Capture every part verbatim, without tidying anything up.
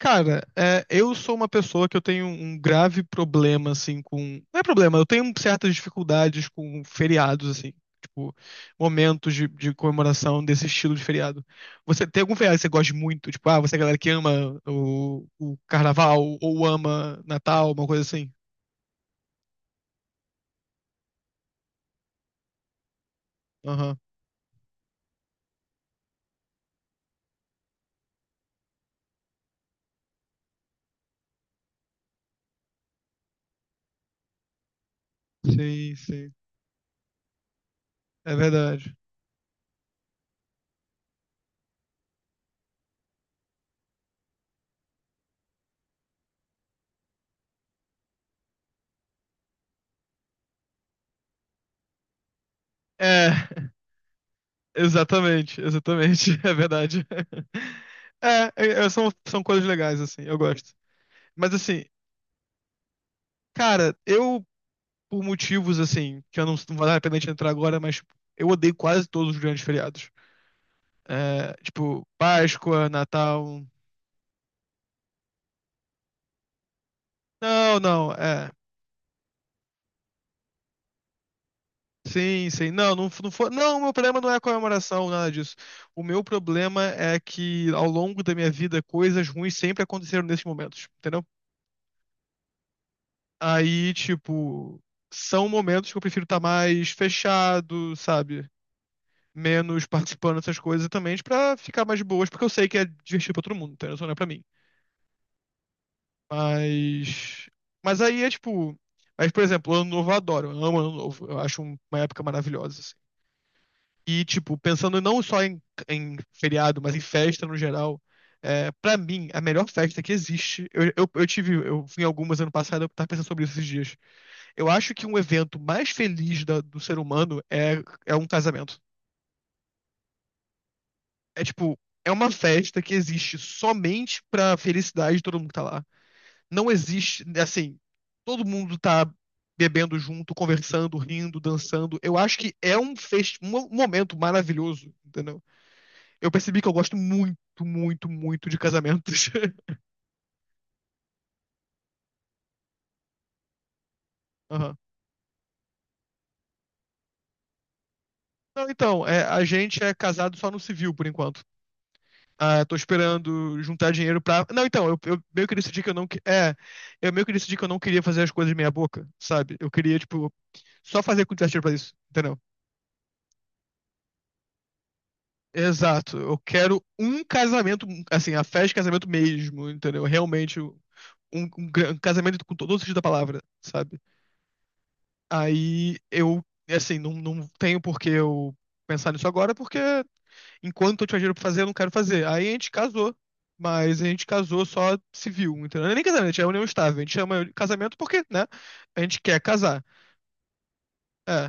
Cara, é, eu sou uma pessoa que eu tenho um grave problema, assim, com. Não é problema, eu tenho certas dificuldades com feriados, assim. Tipo, momentos de, de comemoração desse estilo de feriado. Você tem algum feriado que você gosta muito? Tipo, ah, você é a galera que ama o, o carnaval ou ama Natal, uma coisa assim? Aham. Sim, sim. É verdade. É, exatamente, exatamente. É verdade. É, é, são, são coisas legais, assim, eu gosto. Mas assim, cara, eu, por motivos assim, que eu não, não vale a pena a gente entrar agora, mas tipo, eu odeio quase todos os grandes feriados. É, tipo, Páscoa, Natal. Não, não, é. Sim, sim. Não, não, não foi. Não, o meu problema não é a comemoração, nada disso. O meu problema é que ao longo da minha vida coisas ruins sempre aconteceram nesses momentos, entendeu? Aí, tipo, são momentos que eu prefiro estar mais fechado, sabe? Menos participando dessas coisas também pra ficar mais de boas, porque eu sei que é divertido pra todo mundo, entendeu? Só não é pra mim. Mas. Mas aí é tipo. Mas, por exemplo, Ano Novo eu adoro, eu amo Ano Novo, eu acho uma época maravilhosa, assim. E, tipo, pensando não só em, em feriado, mas em festa no geral, é, para mim, a melhor festa que existe, eu, eu, eu tive, eu fui em algumas ano passado, eu tava pensando sobre isso esses dias. Eu acho que um evento mais feliz da- do ser humano é, é um casamento. É tipo, é uma festa que existe somente pra felicidade de todo mundo que tá lá. Não existe, assim, todo mundo tá bebendo junto, conversando, rindo, dançando. Eu acho que é um, fest... um momento maravilhoso, entendeu? Eu percebi que eu gosto muito, muito, muito de casamentos. Aham. Não, então, é, a gente é casado só no civil, por enquanto. Ah, tô esperando juntar dinheiro pra. Não, então, eu, eu meio que decidi que eu não. que- É, eu meio que decidi que eu não queria fazer as coisas de meia boca, sabe? Eu queria, tipo, só fazer quantitativa pra isso, entendeu? Exato. Eu quero um casamento, assim, a festa de casamento mesmo, entendeu? Realmente, um, um gran- um casamento com todo o sentido da palavra, sabe? Aí eu, assim, não, não tenho por que eu pensar nisso agora, porque enquanto eu tinha dinheiro pra fazer, eu não quero fazer. Aí a gente casou, mas a gente casou só civil, entendeu? Não é nem casamento, é união estável. A gente chama de casamento porque, né? A gente quer casar. É,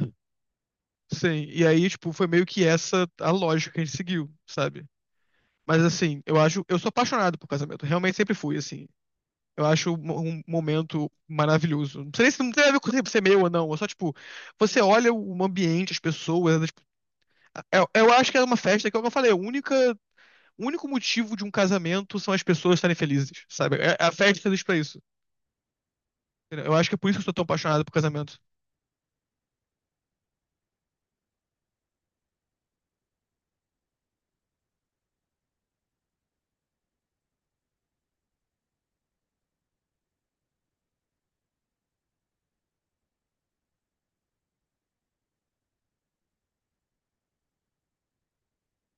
sim. E aí, tipo, foi meio que essa a lógica que a gente seguiu, sabe? Mas assim, eu acho, eu sou apaixonado por casamento. Realmente sempre fui, assim. Eu acho um um momento maravilhoso. Não sei nem se não tem a ver com ser meu ou não. É só, tipo, você olha o ambiente, as pessoas. É, tipo, eu, eu acho que é uma festa que, como eu falei, a única, o único motivo de um casamento são as pessoas estarem felizes, sabe? É- é A festa é feliz pra isso. Eu acho que é por isso que eu sou tão apaixonado por casamento.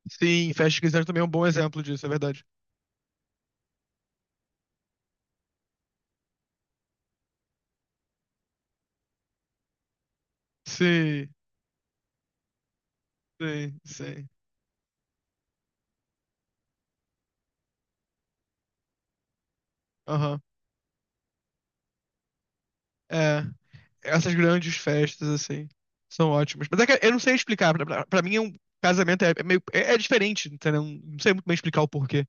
Sim, festa de quinze anos também é um bom exemplo disso, é verdade. Sim, sim, sim. Aham. É, essas grandes festas, assim, são ótimas. Mas é que eu não sei explicar. Pra, pra pra mim, é um casamento é, é meio. É, é diferente, entendeu? Não sei muito bem explicar o porquê.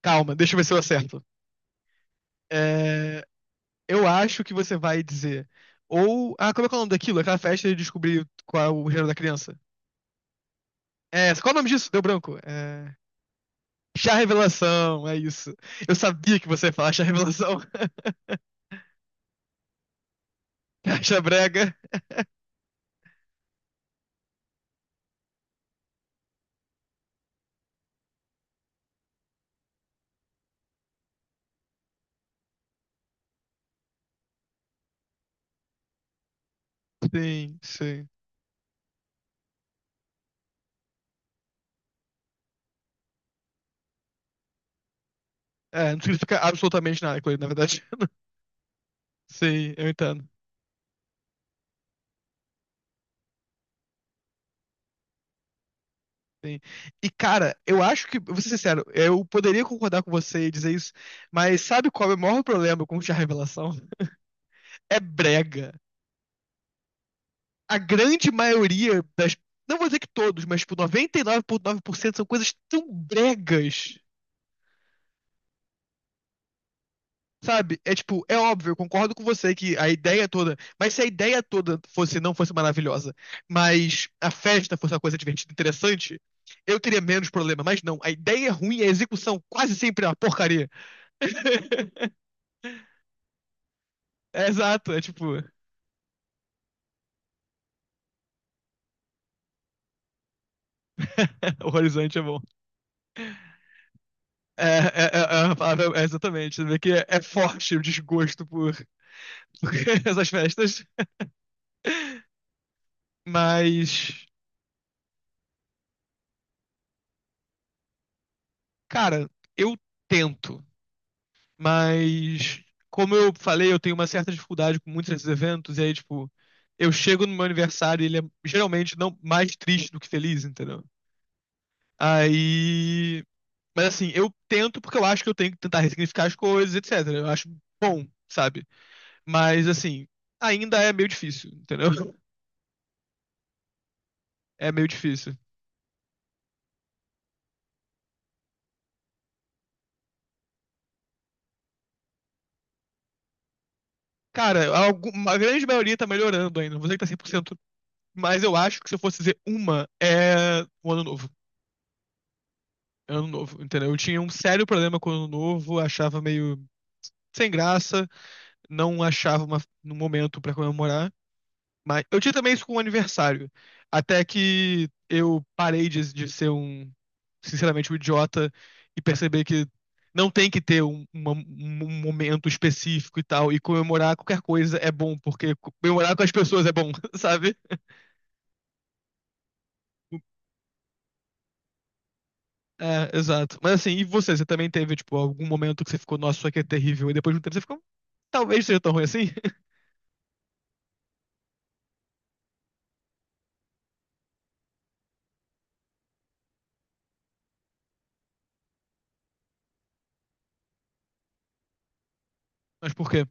Calma, deixa eu ver se eu acerto. É, eu acho que você vai dizer. Ou. Ah, como é que é o nome daquilo? Aquela festa de descobrir qual é o gênero da criança. É, qual é o nome disso? Deu branco. É. Chá revelação, é isso. Eu sabia que você ia falar chá revelação. Chá brega. Sim, sim. É, não significa absolutamente nada com ele, na verdade. Sim, eu entendo. Sim. E, cara, eu acho que, vou ser sincero, eu poderia concordar com você e dizer isso, mas sabe qual é o maior problema com chá revelação? É brega. A grande maioria das. Não vou dizer que todos, mas tipo, noventa e nove vírgula nove por cento são coisas tão bregas. Sabe? É tipo, é óbvio, eu concordo com você que a ideia toda. Mas se a ideia toda fosse não fosse maravilhosa, mas a festa fosse uma coisa divertida, interessante, eu teria menos problema. Mas não, a ideia é ruim, a execução quase sempre é uma porcaria. É exato, é tipo. O horizonte é bom. É, é, é, é uma palavra- é exatamente. Você vê que é, é forte o desgosto por essas festas. Mas, cara, eu tento. Mas, como eu falei, eu tenho uma certa dificuldade com muitos desses eventos. E aí, tipo, eu chego no meu aniversário e ele é geralmente não mais triste do que feliz, entendeu? Aí. Mas assim, eu tento porque eu acho que eu tenho que tentar ressignificar as coisas, etcétera. Eu acho bom, sabe? Mas assim, ainda é meio difícil, entendeu? É meio difícil. Cara, algum- a grande maioria tá melhorando ainda. Não vou dizer que tá cem por cento. Mas eu acho que se eu fosse dizer uma, é o Ano Novo. É o Ano Novo, entendeu? Eu tinha um sério problema com o Ano Novo, achava meio sem graça, não achava uma, um momento pra comemorar. Mas eu tinha também isso com o aniversário. Até que eu parei de, de ser um, sinceramente, um idiota e perceber que não tem que ter um, uma- um momento específico e tal. E comemorar qualquer coisa é bom, porque comemorar com as pessoas é bom, sabe? É, exato. Mas assim, e você? Você também teve, tipo, algum momento que você ficou, nossa, isso aqui é terrível, e depois de um tempo você ficou, talvez seja tão ruim assim? Mas por quê?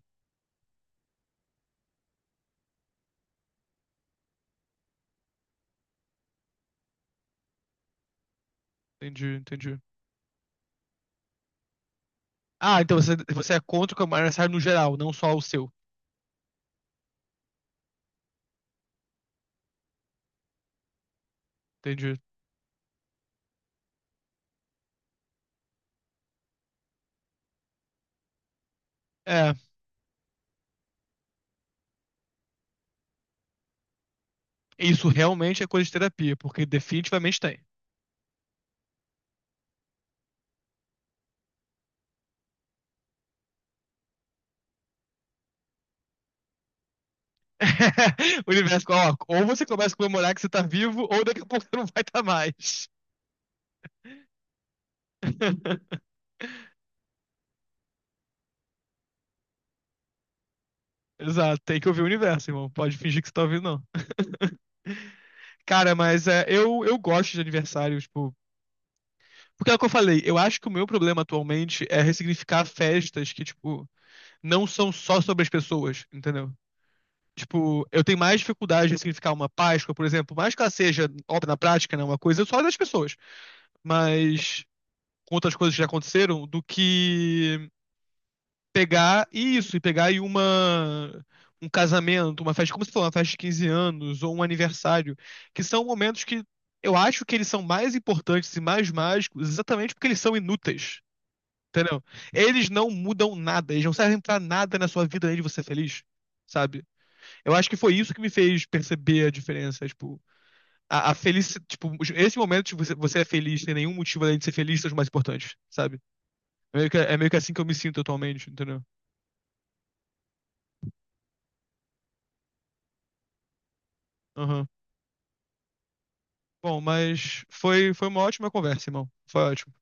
Entendi, entendi. Ah, então você, você é contra o camarada aniversário no geral, não só o seu. Entendi. É, isso realmente é coisa de terapia, porque definitivamente tem. O universo, ó, ou você começa a comemorar que você tá vivo, ou daqui a pouco você não vai estar mais. Exato, tem que ouvir o universo, irmão. Pode fingir que você tá ouvindo, não. Cara, mas é, eu, eu gosto de aniversário, tipo. Porque é o que eu falei, eu acho que o meu problema atualmente é ressignificar festas que, tipo, não são só sobre as pessoas, entendeu? Tipo, eu tenho mais dificuldade de ressignificar uma Páscoa, por exemplo, mais que ela seja, óbvio, na prática, né, uma coisa só das pessoas, mas com outras coisas que já aconteceram, do que pegar e isso, e pegar e uma um casamento, uma festa, como você falou, uma festa de quinze anos ou um aniversário, que são momentos que eu acho que eles são mais importantes e mais mágicos exatamente porque eles são inúteis. Entendeu? Eles não mudam nada, eles não servem pra nada na sua vida além de você ser feliz, sabe? Eu acho que foi isso que me fez perceber a diferença, tipo, a, a felicidade, tipo, esse momento de você, você é feliz, sem nenhum motivo além de ser feliz, são os mais importantes, sabe? É meio que, é meio que assim que eu me sinto atualmente, entendeu? Aham. Bom, mas foi, foi uma ótima conversa, irmão. Foi ótimo.